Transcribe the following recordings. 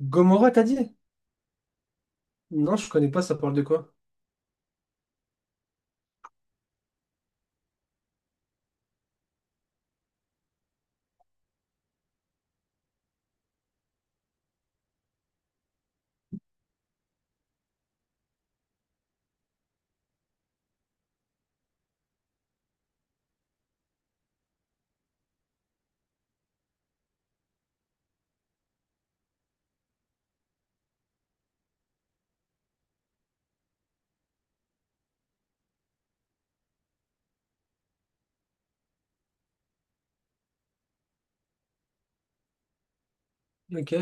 Gomorrah, t'as dit? Non, je connais pas, ça parle de quoi? Ok.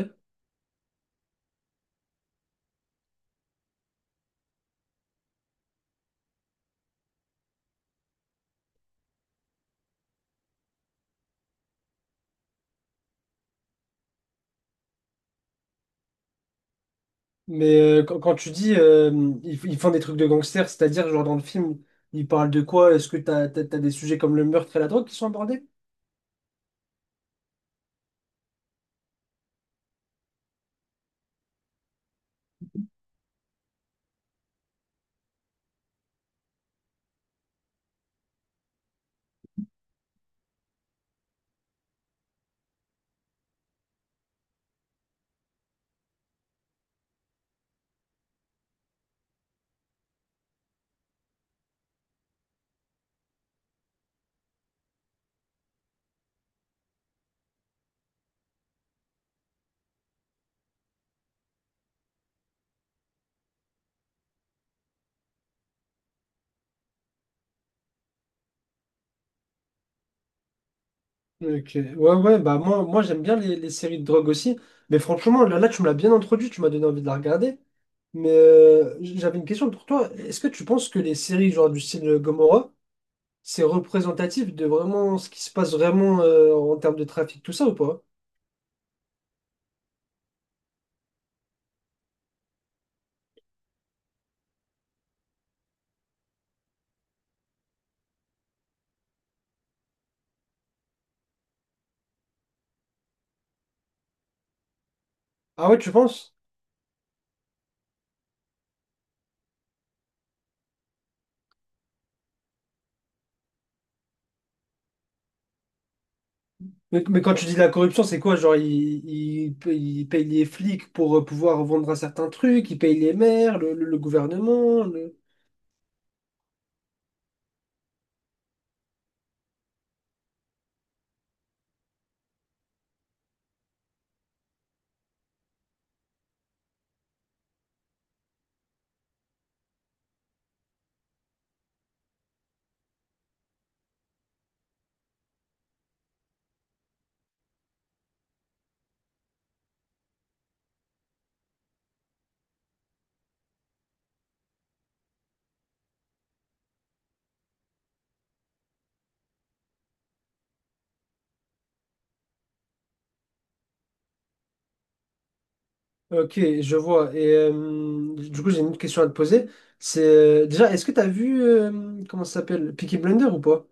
Mais quand tu dis ils, ils font des trucs de gangsters, c'est-à-dire, genre dans le film, ils parlent de quoi? Est-ce que t'as des sujets comme le meurtre et la drogue qui sont abordés? Ok. Ouais, bah moi j'aime bien les séries de drogue aussi. Mais franchement, là, tu me l'as bien introduit, tu m'as donné envie de la regarder. Mais j'avais une question pour toi. Est-ce que tu penses que les séries genre du style Gomorrah, c'est représentatif de vraiment ce qui se passe vraiment en termes de trafic, tout ça ou pas? Ah ouais, tu penses? Mais quand tu dis la corruption, c'est quoi? Genre, ils payent les flics pour pouvoir vendre un certain truc, ils payent les maires, le gouvernement. Ok, je vois. Et du coup, j'ai une autre question à te poser. C'est déjà, est-ce que tu as vu, comment ça s'appelle, Peaky Blinders ou pas?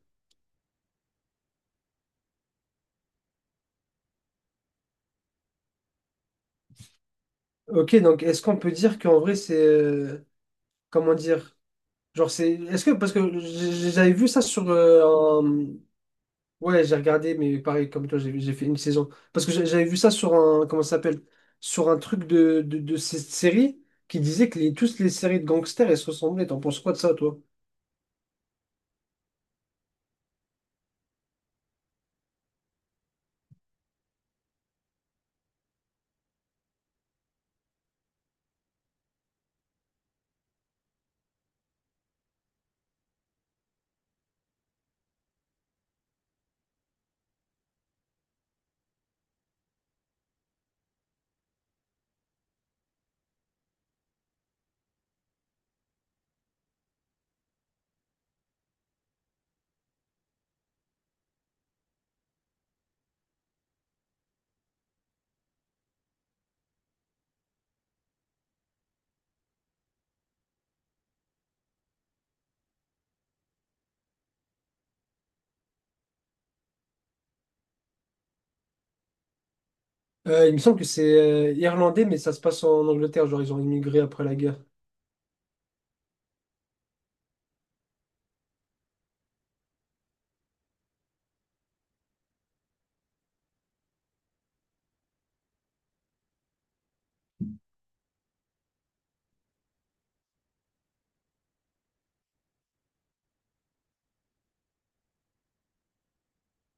Ok, donc est-ce qu'on peut dire qu'en vrai, c'est. Comment dire? Genre, c'est. Est-ce que. Parce que j'avais vu ça sur ouais, j'ai regardé, mais pareil, comme toi, j'ai fait une saison. Parce que j'avais vu ça sur un, comment ça s'appelle? Sur un truc de cette série qui disait que toutes les séries de gangsters, elles se ressemblaient. T'en penses quoi de ça, toi? Il me semble que c'est irlandais, mais ça se passe en Angleterre, genre ils ont immigré après la guerre.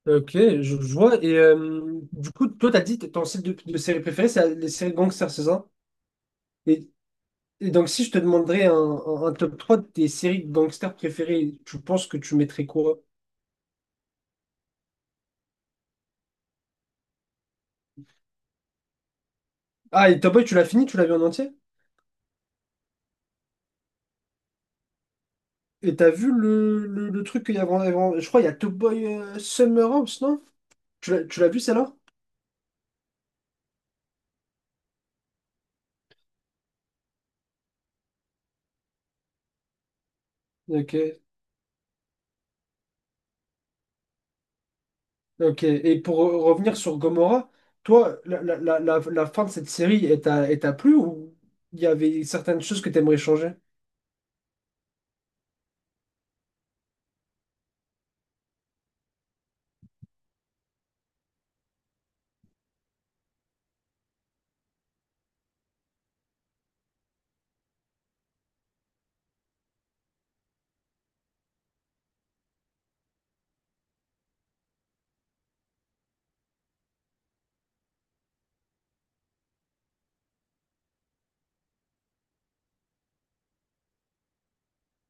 Ok, je vois. Et du coup, toi, t'as dit que ton style de série préférée, c'est les séries de gangsters, c'est ça? Et, et donc, si je te demanderais un top 3 de tes séries de gangsters préférées, tu penses que tu mettrais quoi? Ah, et Top Boy, tu l'as fini? Tu l'as vu en entier? Et t'as vu le truc qu'il y avait avant, je crois il y a Top Boy Summer House, non? Tu l'as vu celle-là? Ok. Ok. Et pour revenir sur Gomorrah, toi, la fin de cette série, elle t'a plu ou il y avait certaines choses que t'aimerais changer?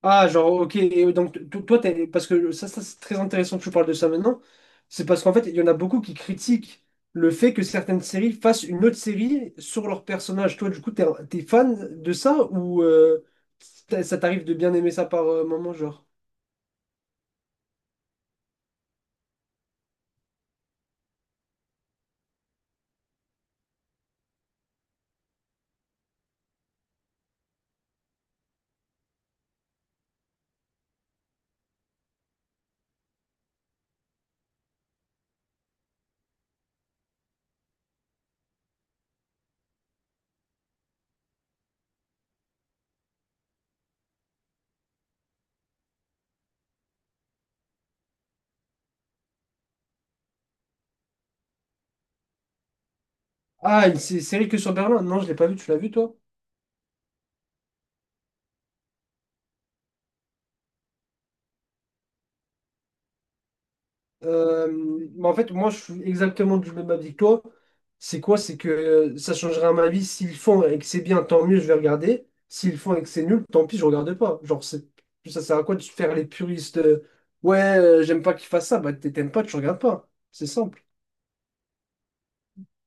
Ah, genre, ok, et donc toi, parce que ça, c'est très intéressant que tu parles de ça maintenant, c'est parce qu'en fait, il y en a beaucoup qui critiquent le fait que certaines séries fassent une autre série sur leur personnage. Toi, du coup, t'es fan de ça ou ça t'arrive de bien aimer ça par moment, genre? Ah, une série que sur Berlin? Non, je l'ai pas vu, tu l'as vu, toi? Mais en fait, moi, je suis exactement du même avis que toi. C'est quoi? C'est que ça changera ma vie. S'ils font et que c'est bien, tant mieux, je vais regarder. S'ils font et que c'est nul, tant pis, je regarde pas. Genre, c'est, ça sert à quoi de se faire les puristes? Ouais, j'aime pas qu'ils fassent ça. Bah, t'aimes pas, tu regardes pas. C'est simple.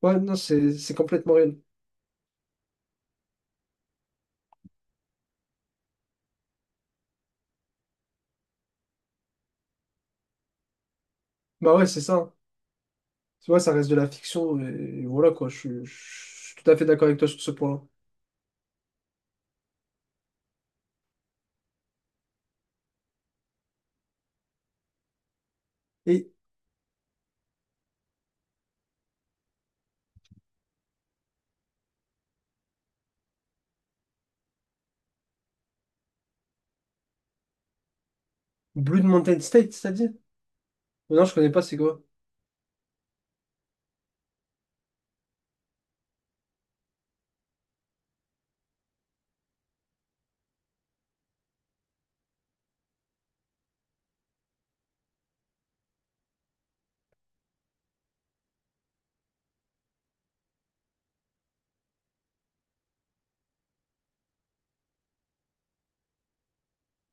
Ouais, non, c'est complètement réel. Bah ouais, c'est ça, hein. Tu vois, ça reste de la fiction. Et voilà, quoi. Je suis tout à fait d'accord avec toi sur ce point-là. Et Blue Mountain State, c'est-à-dire? Non, je connais pas, c'est quoi?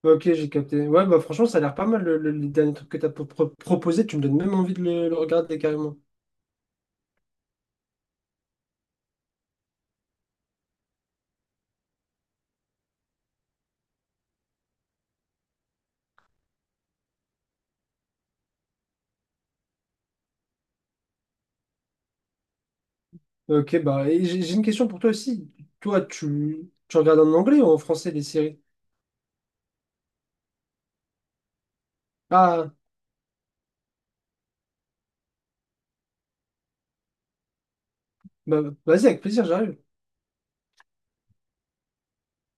Ok, j'ai capté. Ouais, bah franchement, ça a l'air pas mal les derniers trucs que t'as proposé. Tu me donnes même envie de le regarder carrément. Ok, bah, et j'ai une question pour toi aussi. Toi, tu regardes en anglais ou en français les séries? Ah, bah, vas-y, avec plaisir, j'arrive.